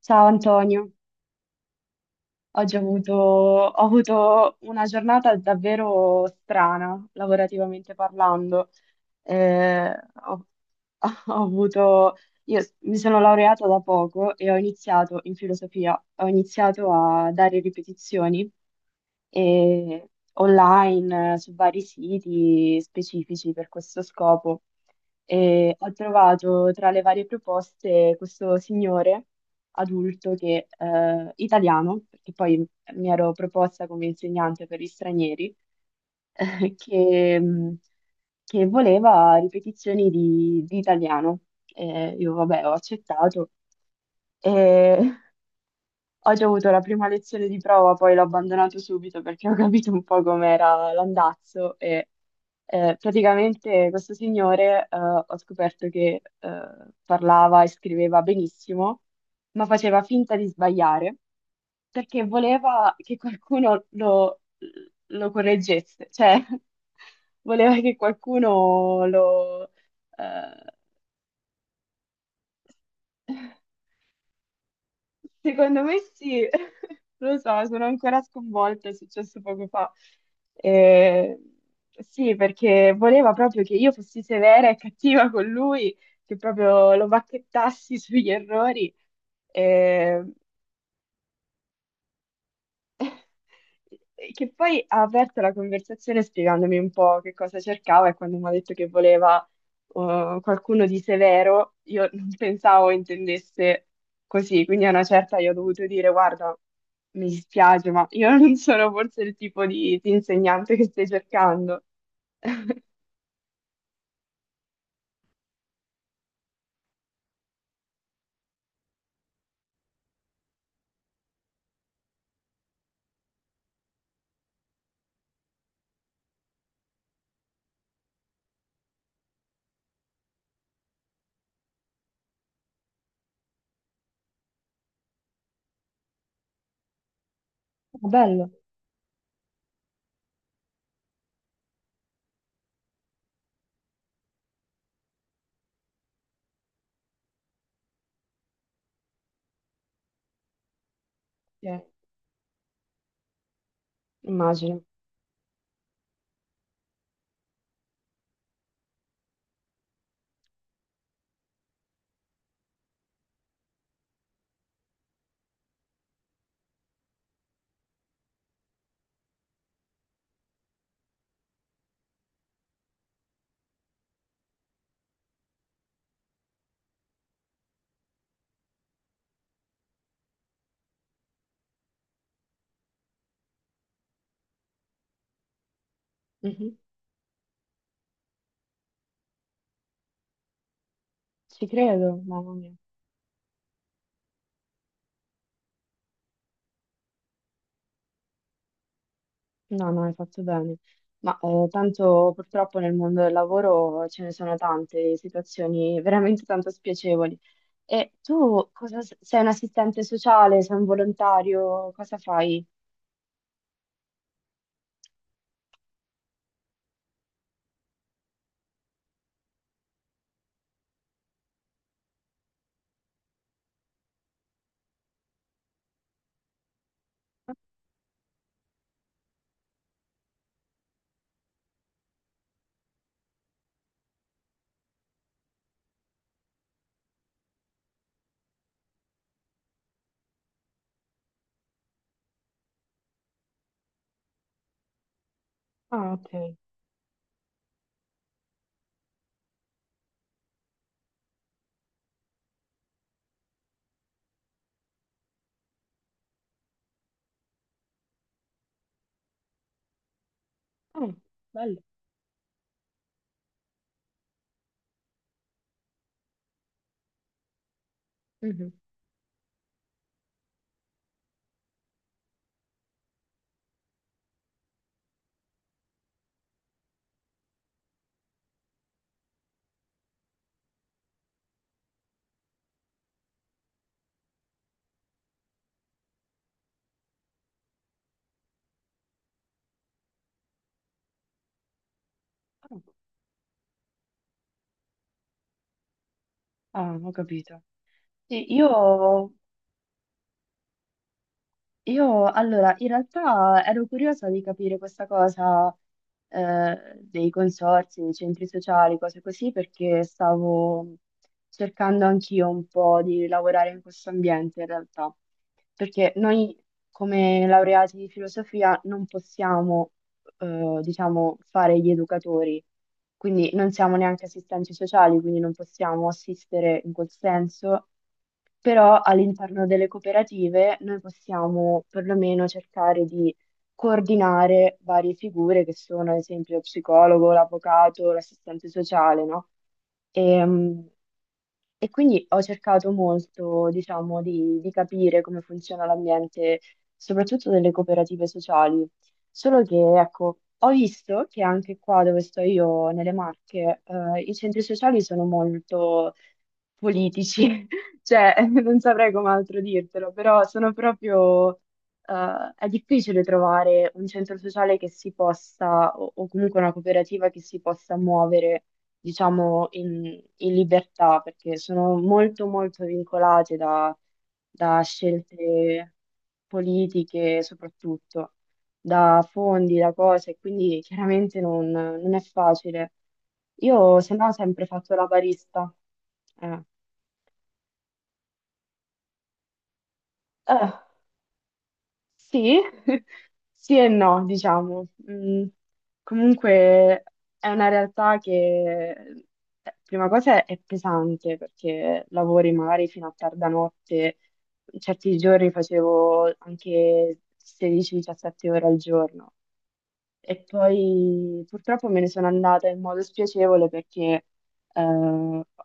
Ciao Antonio, oggi ho avuto una giornata davvero strana, lavorativamente parlando eh, ho, ho avuto, io s- mi sono laureata da poco e ho iniziato in filosofia, ho iniziato a dare ripetizioni e online su vari siti specifici per questo scopo. E ho trovato tra le varie proposte questo signore adulto che, italiano, perché poi mi ero proposta come insegnante per gli stranieri, eh, che mh, che voleva ripetizioni di italiano. E io, vabbè, ho accettato. E ho già avuto la prima lezione di prova, poi l'ho abbandonato subito perché ho capito un po' com'era l'andazzo e praticamente questo signore ho scoperto che parlava e scriveva benissimo, ma faceva finta di sbagliare perché voleva che qualcuno lo correggesse, cioè voleva che qualcuno eh, Secondo me sì, lo so, sono ancora sconvolta, è successo poco fa. Eh, sì, perché voleva proprio che io fossi severa e cattiva con lui, che proprio lo bacchettassi sugli errori. Eh, che poi ha aperto la conversazione spiegandomi un po' che cosa cercava e quando mi ha detto che voleva qualcuno di severo, io non pensavo intendesse così, quindi a una certa io ho dovuto dire: guarda, mi dispiace, ma io non sono forse il tipo di insegnante che stai cercando. Ah, bello. Eh, immagino. Mhm. Ci credo, mamma mia. No, no, hai fatto bene. Ma tanto purtroppo nel mondo del lavoro ce ne sono tante di situazioni veramente tanto spiacevoli. E tu cosa sei un assistente sociale, sei un volontario, cosa fai? Ah, ok. Ah, bello. Mhm. Ah, ho capito. Sì, io. Io allora, in realtà ero curiosa di capire questa cosa dei consorzi, dei centri sociali, cose così, perché stavo cercando anch'io un po' di lavorare in questo ambiente in realtà, perché noi come laureati di filosofia non possiamo, diciamo, fare gli educatori, quindi non siamo neanche assistenti sociali, quindi non possiamo assistere in quel senso, però all'interno delle cooperative noi possiamo perlomeno cercare di coordinare varie figure che sono ad esempio lo psicologo, l'avvocato, l'assistente sociale, no? Ehm, e quindi ho cercato molto, diciamo, di capire come funziona l'ambiente, soprattutto delle cooperative sociali. Solo che, ecco, ho visto che anche qua dove sto io, nelle Marche, i centri sociali sono molto politici, cioè non saprei come altro dirtelo, però sono proprio, è difficile trovare un centro sociale che si possa, o comunque una cooperativa che si possa muovere, diciamo, in, libertà, perché sono molto, molto vincolate da scelte politiche, soprattutto da fondi, da cose, quindi chiaramente non è facile. Io se no ho sempre fatto la barista. Eh. Eh, sì, sì e no, diciamo. Comunque è una realtà che, prima cosa, è pesante perché lavori magari fino a tarda notte, certi giorni facevo anche 16-17 ore al giorno e poi purtroppo me ne sono andata in modo spiacevole perché eh,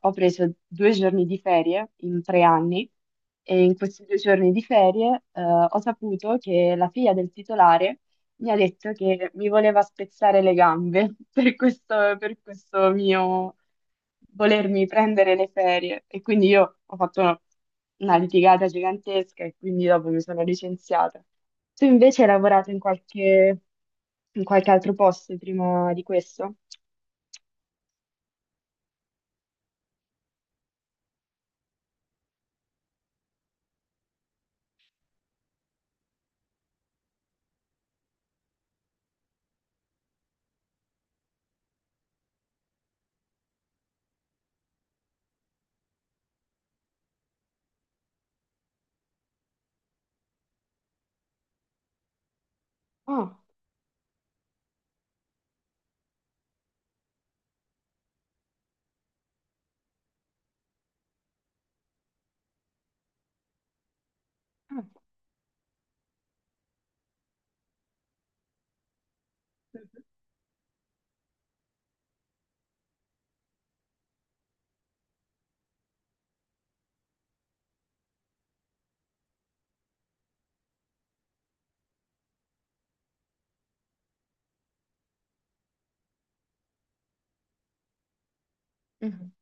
ho preso 2 giorni di ferie in 3 anni e in questi 2 giorni di ferie ho saputo che la figlia del titolare mi ha detto che mi voleva spezzare le gambe per questo mio volermi prendere le ferie. E quindi io ho fatto una litigata gigantesca e quindi dopo mi sono licenziata. Tu invece hai lavorato in qualche altro posto prima di questo? Ah, ah, mhm.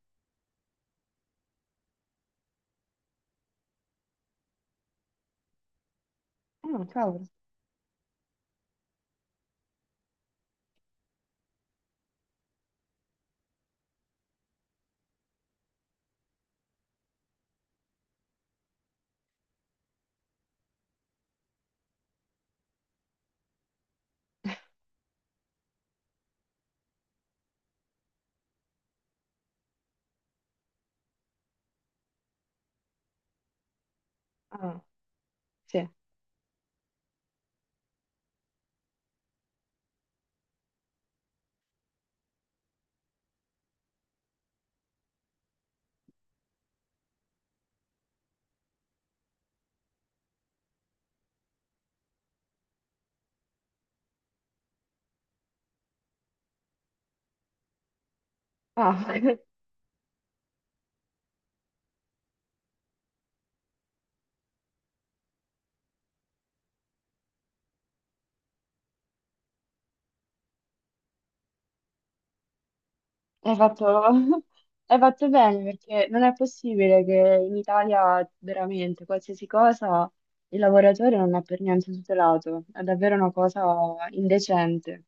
Ah, cavolo. Ah, sì. Ah, hai fatto, hai fatto bene perché non è possibile che in Italia veramente qualsiasi cosa il lavoratore non è per niente tutelato. È davvero una cosa indecente.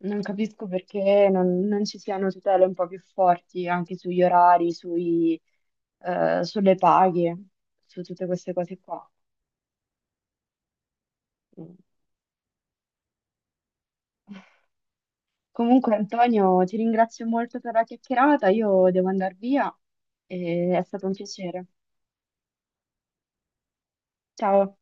Non capisco perché non ci siano tutele un po' più forti anche sugli orari, sulle paghe, su tutte queste cose qua. Mm. Comunque, Antonio, ti ringrazio molto per la chiacchierata. Io devo andare via e è stato un piacere. Ciao.